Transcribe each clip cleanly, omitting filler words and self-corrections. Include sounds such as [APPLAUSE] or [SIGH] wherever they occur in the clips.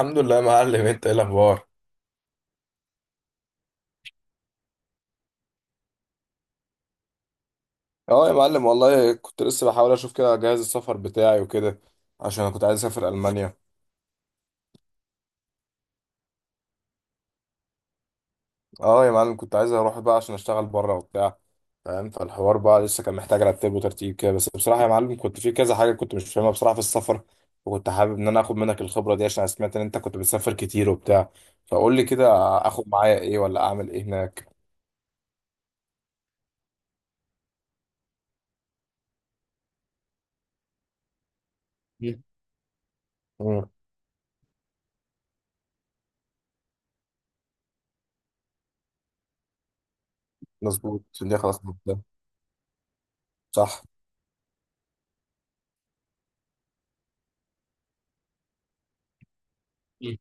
الحمد لله يا معلم، انت ايه الاخبار؟ اه يا معلم، والله كنت لسه بحاول اشوف كده جهاز السفر بتاعي وكده، عشان انا كنت عايز اسافر المانيا. اه يا معلم، كنت عايز اروح بقى عشان اشتغل بره وبتاع، فاهم؟ فالحوار بقى لسه كان محتاج رتب وترتيب كده، بس بصراحه يا معلم كنت في كذا حاجه كنت مش فاهمها بصراحه في السفر، وكنت حابب ان انا اخد منك الخبره دي، عشان أنا سمعت ان انت كنت بتسافر كتير وبتاع. فقول لي كده، اخد معايا ايه ولا اعمل ايه هناك؟ مم. مم. مظبوط، عشان دي خلاص. صح. مم.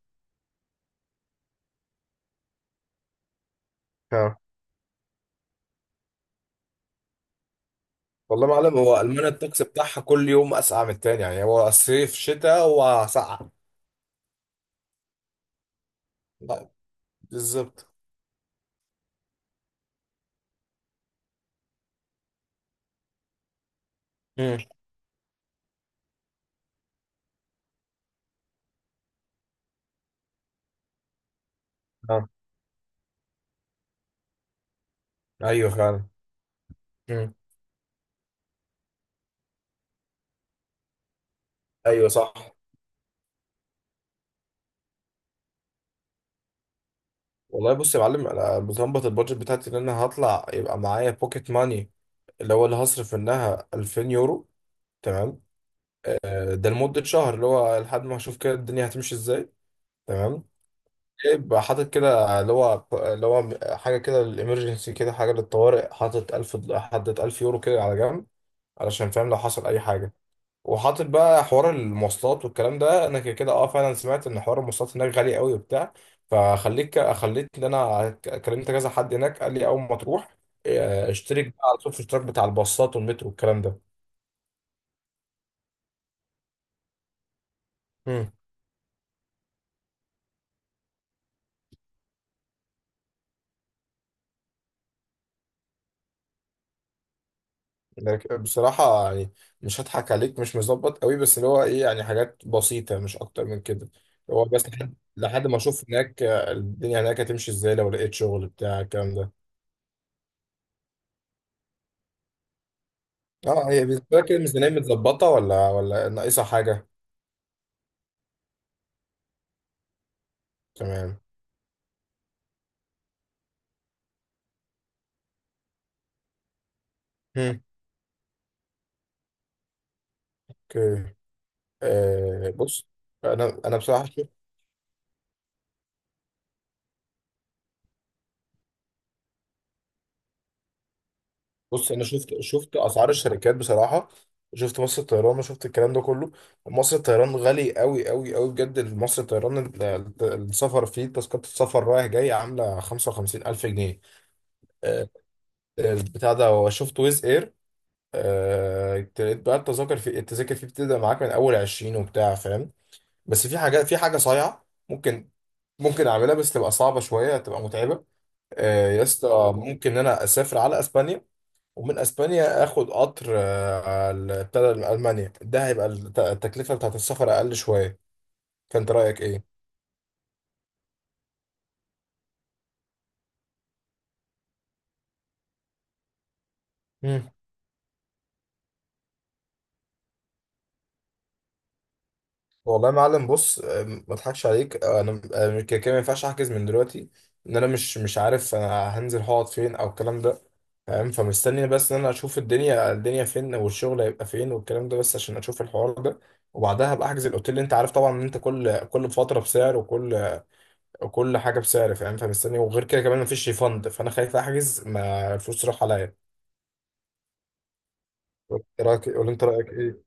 والله يا معلم هو المانيا الطقس بتاعها كل يوم اسقع من التاني، يعني هو صيف شتاء هو سقع. لا، بالظبط. مم. آه. ايوه فعلا. مم. ايوه صح. والله بص يا معلم، انا بظبط البادجت بتاعتي ان انا هطلع يبقى معايا بوكيت ماني، اللي هو اللي هصرف منها 2000 يورو. تمام. آه، ده لمده شهر، اللي هو لحد ما اشوف كده الدنيا هتمشي ازاي. تمام. يبقى حاطط كده اللي هو حاجه كده، الامرجنسي، كده حاجه للطوارئ، حاطط 1000 يورو كده على جنب، علشان فاهم لو حصل اي حاجه. وحاطط بقى حوار المواصلات والكلام ده، انا كده كده اه فعلا سمعت ان حوار المواصلات هناك غالي قوي وبتاع. فخليك، خليت ان انا كلمت كذا حد هناك، قال لي اول ما تروح آه، اشترك بقى على طول في الاشتراك بتاع الباصات والمترو والكلام ده. امم. لكن بصراحه يعني، مش هضحك عليك، مش مظبط قوي، بس اللي هو ايه يعني حاجات بسيطه مش اكتر من كده. هو بس لحد ما اشوف هناك آه، الدنيا هناك هتمشي ازاي لو لقيت شغل بتاع الكلام ده. اه هي بالنسبة لك الميزانية متظبطة ولا ناقصة حاجة؟ تمام. هم. اوكي. آه بص، انا بصراحة شفت. بص انا شفت اسعار الشركات بصراحة، شفت مصر الطيران وشفت الكلام ده كله. مصر الطيران غالي قوي قوي قوي بجد، مصر الطيران السفر فيه، تذكرة السفر رايح جاي عاملة 55 ألف جنيه. آه، البتاع ده، شفت ويز اير آه، لقيت بقى التذاكر، التذاكر فيه بتبدأ معاك من أول 20 وبتاع، فاهم؟ بس في حاجات، في حاجه صايعه ممكن اعملها، بس تبقى صعبه شويه، تبقى متعبه. آه، يا اسطى، ممكن إن انا اسافر على اسبانيا، ومن اسبانيا اخد قطر آه، بتاع المانيا، ده هيبقى التكلفه بتاعت السفر اقل شويه. فانت رايك ايه؟ مم. والله يا معلم بص، ما اضحكش عليك، أنا آه، كده كده ما ينفعش احجز من دلوقتي، ان انا مش عارف انا هنزل هقعد فين او الكلام ده، فاهم؟ فمستني بس ان انا اشوف الدنيا فين، والشغل هيبقى فين، والكلام ده، بس عشان اشوف الحوار ده. وبعدها هبقى احجز الاوتيل. انت عارف طبعا ان انت كل فتره بسعر، وكل حاجه بسعر، فاهم؟ فمستني. وغير كده كمان مفيش ريفند، فانا خايف احجز ما الفلوس تروح عليا. إيه رايك، ولا انت رايك ايه؟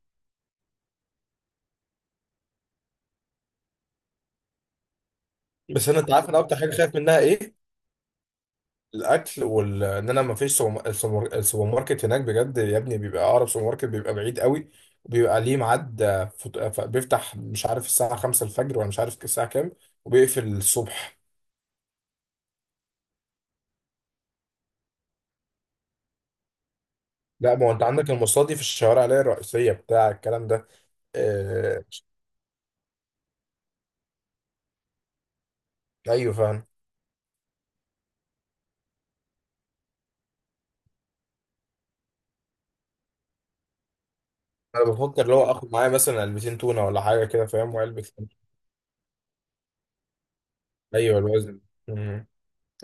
بس انا، انت عارف انا اكتر حاجه خايف منها ايه؟ الاكل، وال ان انا ما فيش السوبر ماركت هناك، بجد يا ابني بيبقى اقرب سوبر ماركت بيبقى بعيد قوي، وبيبقى ليه ميعاد آه، بيفتح مش عارف الساعه 5 الفجر ولا مش عارف الساعه كام، وبيقفل الصبح. لا ما هو انت عندك المصادي في الشوارع اللي هي الرئيسيه بتاع الكلام ده. آه... ايوه فاهم. انا بفكر لو اخد معايا مثلا علبتين تونه ولا حاجه كده، فاهم، وعلبه لانشون. ايوه الوزن. مم.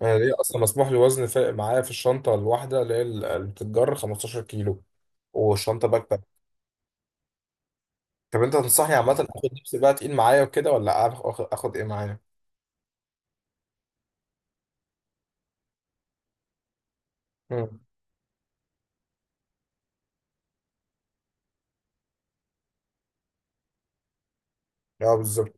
انا ليه اصلا مسموح لي وزن معايا في الشنطه الواحده اللي هي اللي بتتجر 15 كيلو، والشنطه باك. طب انت تنصحني عامة، اخد لبس بقى تقيل معايا وكده، ولا اخد ايه معايا؟ امم. اه بالظبط.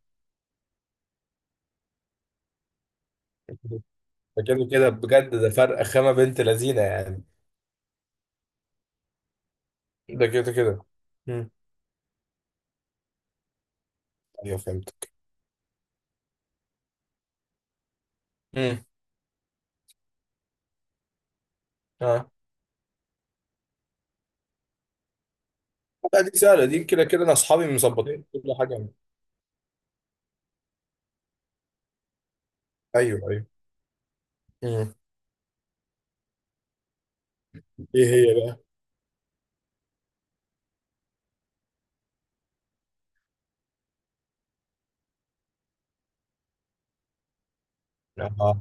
ده كده كده بجد، ده فرق خامة بنت لذينة يعني. ده كده كده. امم. ايوه فهمتك. امم. اه. لا دي سهلة، دي كده كده انا اصحابي مظبطين كل حاجة. ايوه ايوه. امم. ايه هي بقى؟ اه،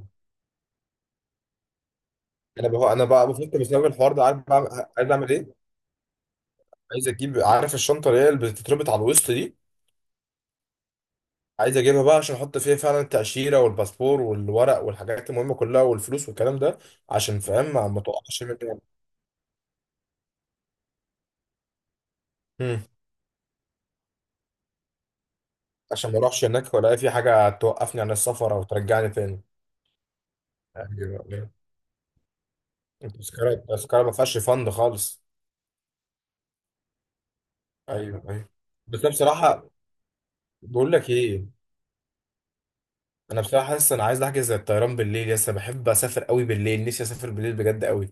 انا بقى بفكر بسبب الحوار ده، عارف عايز اعمل ايه؟ عايز اجيب، عارف الشنطة اللي هي اللي بتتربط على الوسط دي، عايز اجيبها بقى عشان احط فيها فعلا التأشيرة والباسبور والورق والحاجات المهمة كلها والفلوس والكلام ده، عشان فاهم ما تقعش مني. مم. عشان ما اروحش هناك ولا في حاجة توقفني عن السفر او ترجعني تاني. ايوه. التذكرة ما فيهاش فند خالص. ايوه ايوه. بس انا بصراحة، بقول لك ايه، انا بصراحة حاسس انا عايز احجز الطيران بالليل، لسه بحب اسافر قوي بالليل، نفسي اسافر بالليل بجد قوي.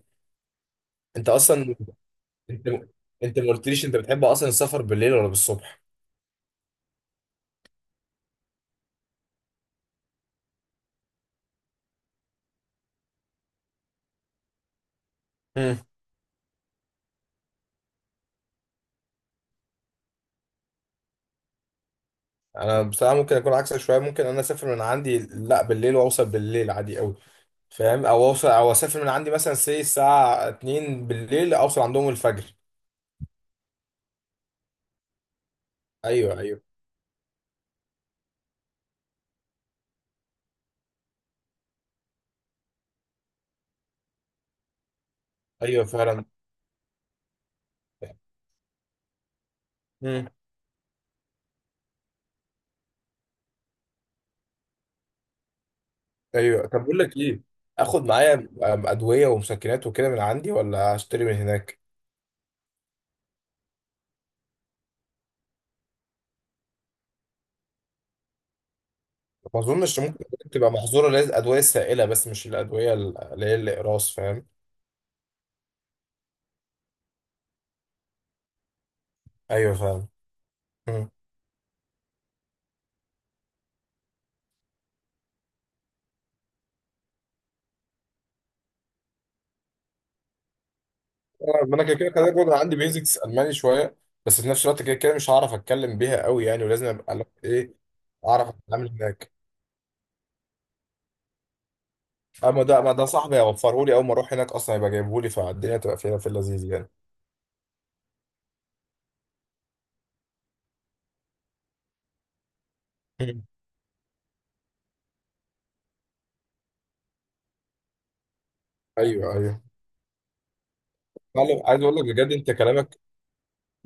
انت اصلا، انت انت ما قلتليش انت بتحب اصلا السفر بالليل ولا بالصبح؟ مم. انا بصراحه ممكن اكون عكسك شويه، ممكن انا اسافر من عندي لا بالليل واوصل بالليل عادي قوي، فاهم؟ او اوصل، او اسافر من عندي مثلا الساعه 2 بالليل، اوصل عندهم الفجر. ايوه ايوه. ايوه فعلا. امم. ايوه. طب بقول لك ايه، اخد معايا ادويه ومسكنات وكده من عندي، ولا اشتري من هناك؟ ما اظنش ممكن تبقى محظوره، لازم ادويه سائله، بس مش الادويه اللي هي الاقراص، فاهم؟ ايوه فاهم. ما انا كده كده كده برضه عندي بيزكس الماني شويه، بس في نفس الوقت كده كده مش هعرف اتكلم بيها قوي يعني، ولازم ابقى ايه، اعرف اتعامل هناك. اما ده، ما ده صاحبي هيوفره لي اول ما اروح هناك اصلا، يبقى جايبه لي، فالدنيا تبقى فيها في اللذيذ يعني. مم. ايوه ايوه. معلم، عايز اقول لك بجد، انت كلامك،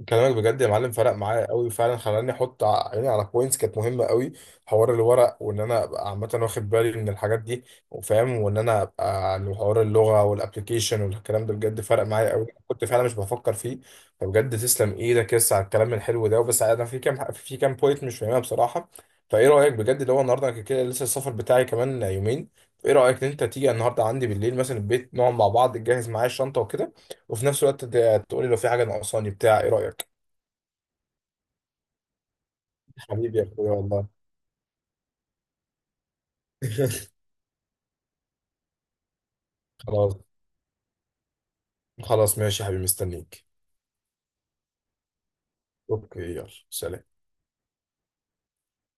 كلامك بجد يا معلم فرق معايا قوي فعلا، خلاني احط عيني على بوينتس كانت مهمه قوي، حوار الورق وان انا ابقى عامه واخد بالي من الحاجات دي، وفاهم، وان انا ابقى عن حوار اللغه والابلكيشن والكلام ده، بجد فرق معايا قوي، كنت فعلا مش بفكر فيه. فبجد تسلم ايدك يس على الكلام الحلو ده. بس انا في كام بوينت مش فاهمها بصراحه، فايه رايك بجد، لو النهارده أنا كده لسه السفر بتاعي كمان يومين، ايه رايك ان انت تيجي النهارده عندي بالليل مثلا البيت، نقعد مع بعض، تجهز معايا الشنطه وكده، وفي نفس الوقت تقولي لو في حاجة ناقصاني بتاع، ايه رأيك؟ حبيبي يا اخويا والله. [LAUGHS] خلاص، خلاص ماشي يا حبيبي، مستنيك. اوكي يلا سلام.